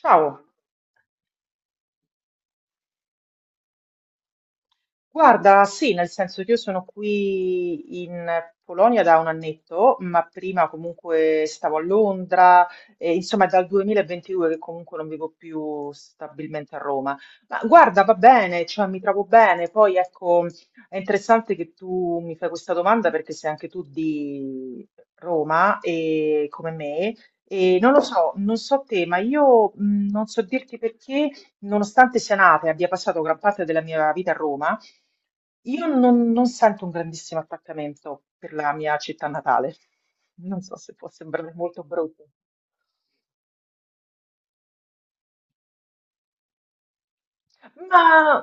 Ciao, guarda, sì, nel senso che io sono qui in Polonia da un annetto, ma prima comunque stavo a Londra, e insomma è dal 2022 che comunque non vivo più stabilmente a Roma. Ma guarda, va bene, cioè mi trovo bene, poi ecco, è interessante che tu mi fai questa domanda perché sei anche tu di Roma e come me, e non lo so, non so te, ma io non so dirti perché. Nonostante sia nata e abbia passato gran parte della mia vita a Roma, io non sento un grandissimo attaccamento per la mia città natale. Non so se può sembrare molto brutto. Ma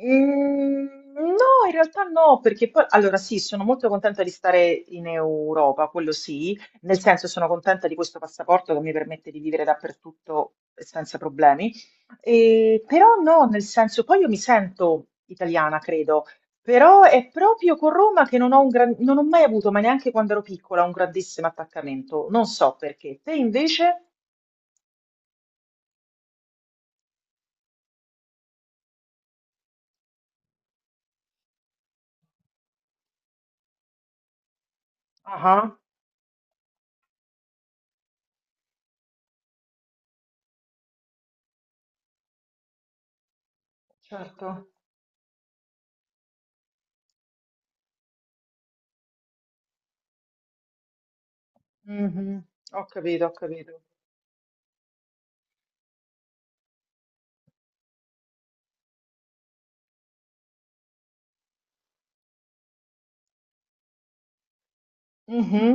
mm, no, in realtà no, perché poi allora sì, sono molto contenta di stare in Europa, quello sì, nel senso sono contenta di questo passaporto che mi permette di vivere dappertutto senza problemi, e, però no, nel senso poi io mi sento italiana, credo, però è proprio con Roma che non ho mai avuto, ma neanche quando ero piccola, un grandissimo attaccamento, non so perché. Te invece? Ah, certo. Mhm. Ho capito, ho capito. Mh-mh.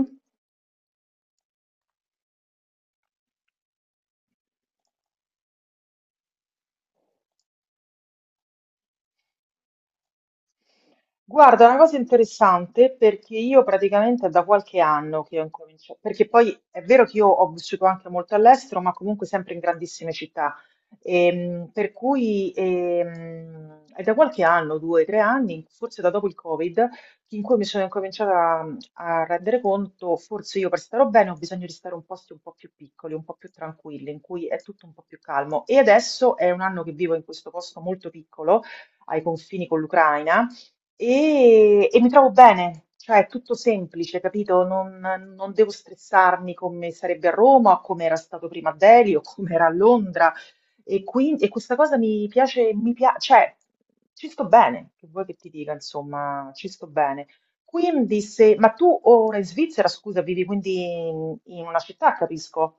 Guarda, una cosa interessante perché io praticamente è da qualche anno che ho incominciato, perché poi è vero che io ho vissuto anche molto all'estero, ma comunque sempre in grandissime città, per cui è da qualche anno, due, tre anni, forse da dopo il Covid, in cui mi sono incominciata a rendere conto, forse io per stare bene ho bisogno di stare in posti un po' più piccoli, un po' più tranquilli, in cui è tutto un po' più calmo. E adesso è un anno che vivo in questo posto molto piccolo, ai confini con l'Ucraina e mi trovo bene, cioè è tutto semplice, capito? Non devo stressarmi come sarebbe a Roma, come era stato prima a Delhi o come era a Londra. E, quindi, e questa cosa mi piace, cioè ci sto bene, che vuoi che ti dica, insomma, ci sto bene. Quindi se, ma tu ora in Svizzera, scusa, vivi quindi in una città, capisco?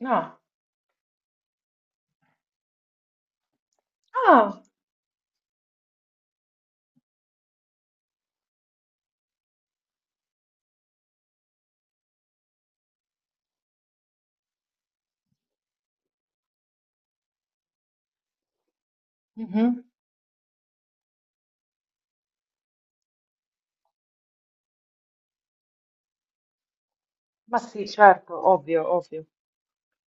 No. Ah. Mhm. Ma sì, certo, ovvio, ovvio,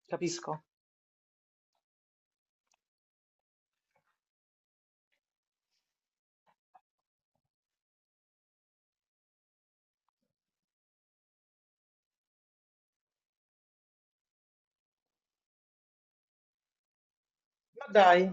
capisco. Ma dai.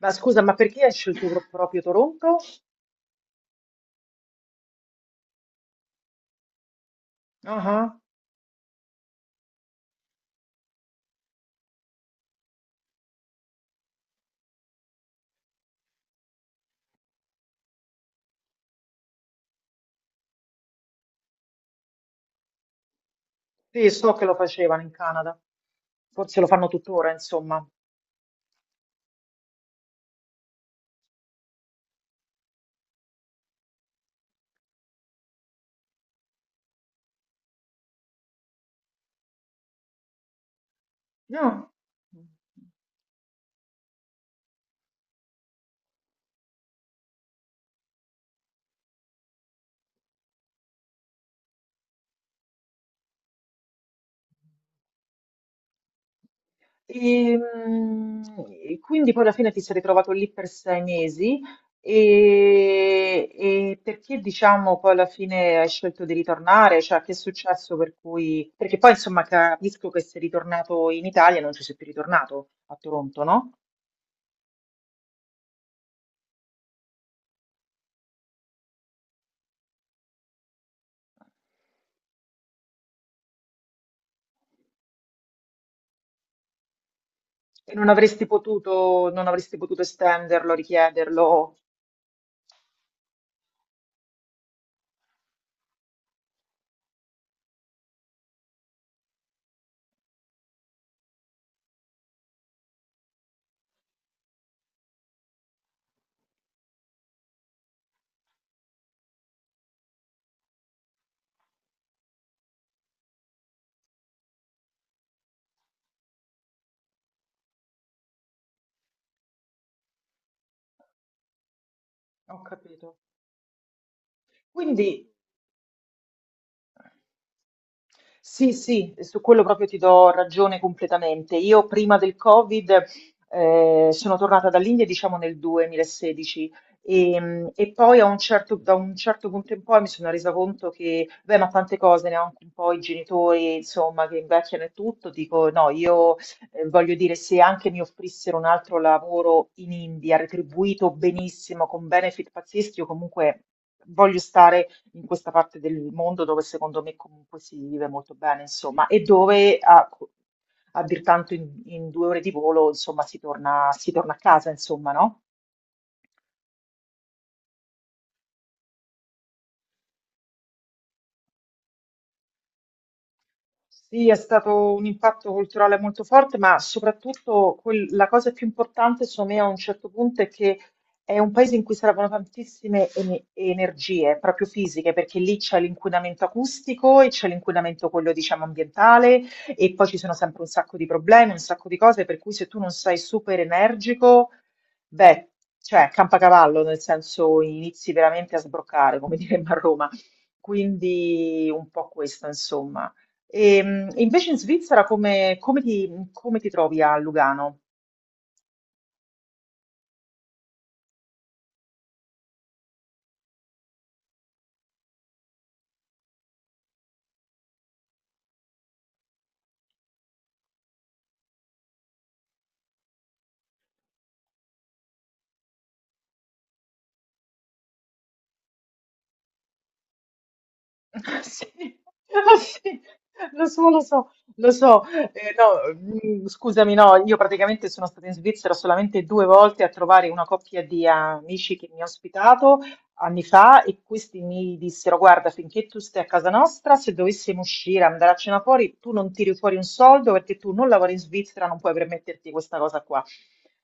Ma scusa, ma perché hai scelto proprio Toronto? Ah, sì, so che lo facevano in Canada. Forse lo fanno tuttora, insomma. No. E, mm, e quindi poi alla fine ti sei ritrovato lì per 6 mesi e perché diciamo poi alla fine hai scelto di ritornare? Cioè, che è successo per cui... Perché poi insomma capisco che sei ritornato in Italia e non ci sei più ritornato a Toronto, no? E non avresti potuto estenderlo, richiederlo. Ho capito. Quindi, sì, sì, su quello proprio ti do ragione completamente. Io prima del Covid sono tornata dall'India, diciamo nel 2016 e poi da un certo punto in poi mi sono resa conto che, beh, ma tante cose, ne ho anche un po' i genitori, insomma, che invecchiano e tutto, dico no, io voglio dire, se anche mi offrissero un altro lavoro in India, retribuito benissimo, con benefit pazzeschi, io comunque voglio stare in questa parte del mondo dove secondo me comunque si vive molto bene, insomma, e dove a dir tanto in, 2 ore di volo, insomma, si torna a casa, insomma, no? Sì, è stato un impatto culturale molto forte, ma soprattutto la cosa più importante, secondo me, a un certo punto è che è un paese in cui servono tantissime energie, proprio fisiche, perché lì c'è l'inquinamento acustico e c'è l'inquinamento quello, diciamo, ambientale e poi ci sono sempre un sacco di problemi, un sacco di cose, per cui se tu non sei super energico, beh, cioè, campacavallo, nel senso inizi veramente a sbroccare, come diremmo a Roma. Quindi un po' questo, insomma. E, invece in Svizzera come ti trovi a Lugano? Sì, sì, lo so, lo so, lo so. No, scusami, no, io praticamente sono stata in Svizzera solamente 2 volte a trovare una coppia di amici che mi ha ospitato anni fa e questi mi dissero: Guarda, finché tu stai a casa nostra, se dovessimo uscire, andare a cena fuori, tu non tiri fuori un soldo perché tu non lavori in Svizzera, non puoi permetterti questa cosa qua.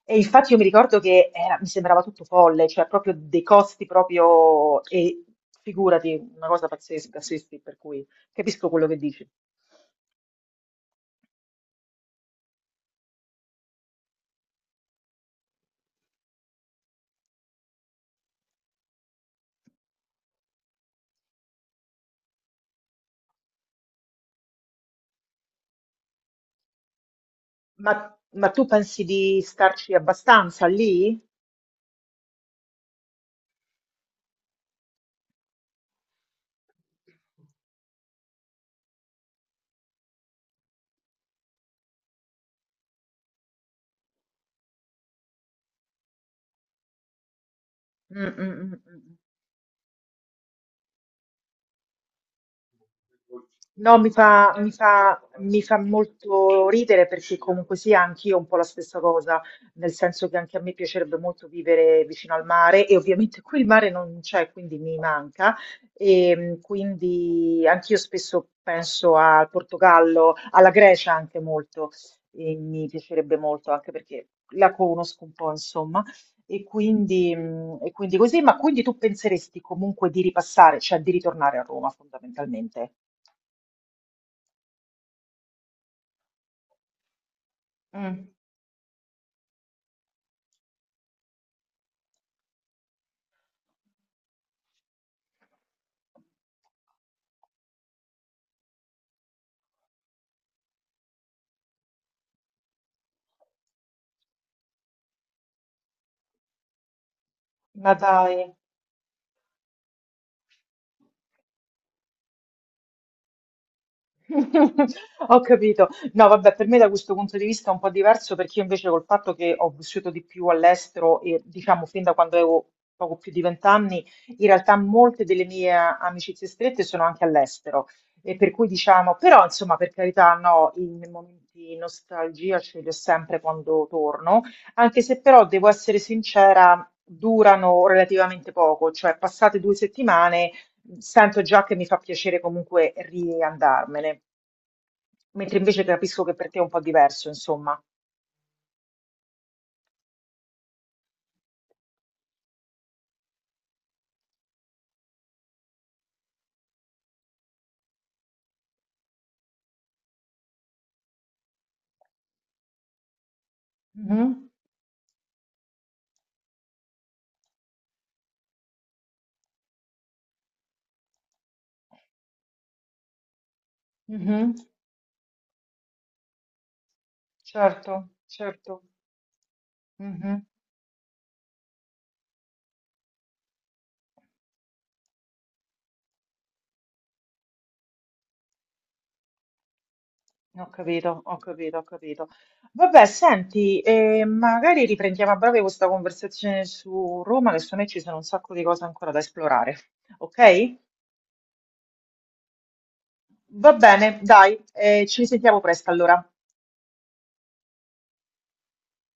E infatti io mi ricordo che mi sembrava tutto folle, cioè proprio dei costi proprio, e figurati, una cosa pazzesca, sì, sì, per cui capisco quello che dici. Ma, ma tu pensi di starci abbastanza lì? Mm, mm, mm, mm. Mm. No, mi fa molto ridere perché comunque sia anch'io un po' la stessa cosa, nel senso che anche a me piacerebbe molto vivere vicino al mare e ovviamente qui il mare non c'è, quindi mi manca e quindi anch'io spesso penso al Portogallo, alla Grecia anche molto e mi piacerebbe molto anche perché la conosco un po', insomma, e quindi così, ma quindi tu penseresti comunque di ripassare, cioè di ritornare a Roma fondamentalmente? Mm, ma dai, ho capito. No, vabbè, per me da questo punto di vista è un po' diverso perché io invece col fatto che ho vissuto di più all'estero e diciamo fin da quando avevo poco più di vent'anni, in realtà molte delle mie amicizie strette sono anche all'estero. E per cui diciamo, però insomma, per carità, no, i miei momenti di nostalgia ce li ho sempre quando torno, anche se però devo essere sincera, durano relativamente poco, cioè passate 2 settimane. Sento già che mi fa piacere comunque riandarmene, mentre invece capisco che per te è un po' diverso, insomma. Mhm, mhm, certo, certo. Mhm. Ho capito, ho capito, ho capito. Vabbè, senti, magari riprendiamo a breve questa conversazione su Roma, che secondo me ci sono un sacco di cose ancora da esplorare. Ok? Va bene, dai, ci risentiamo presto allora.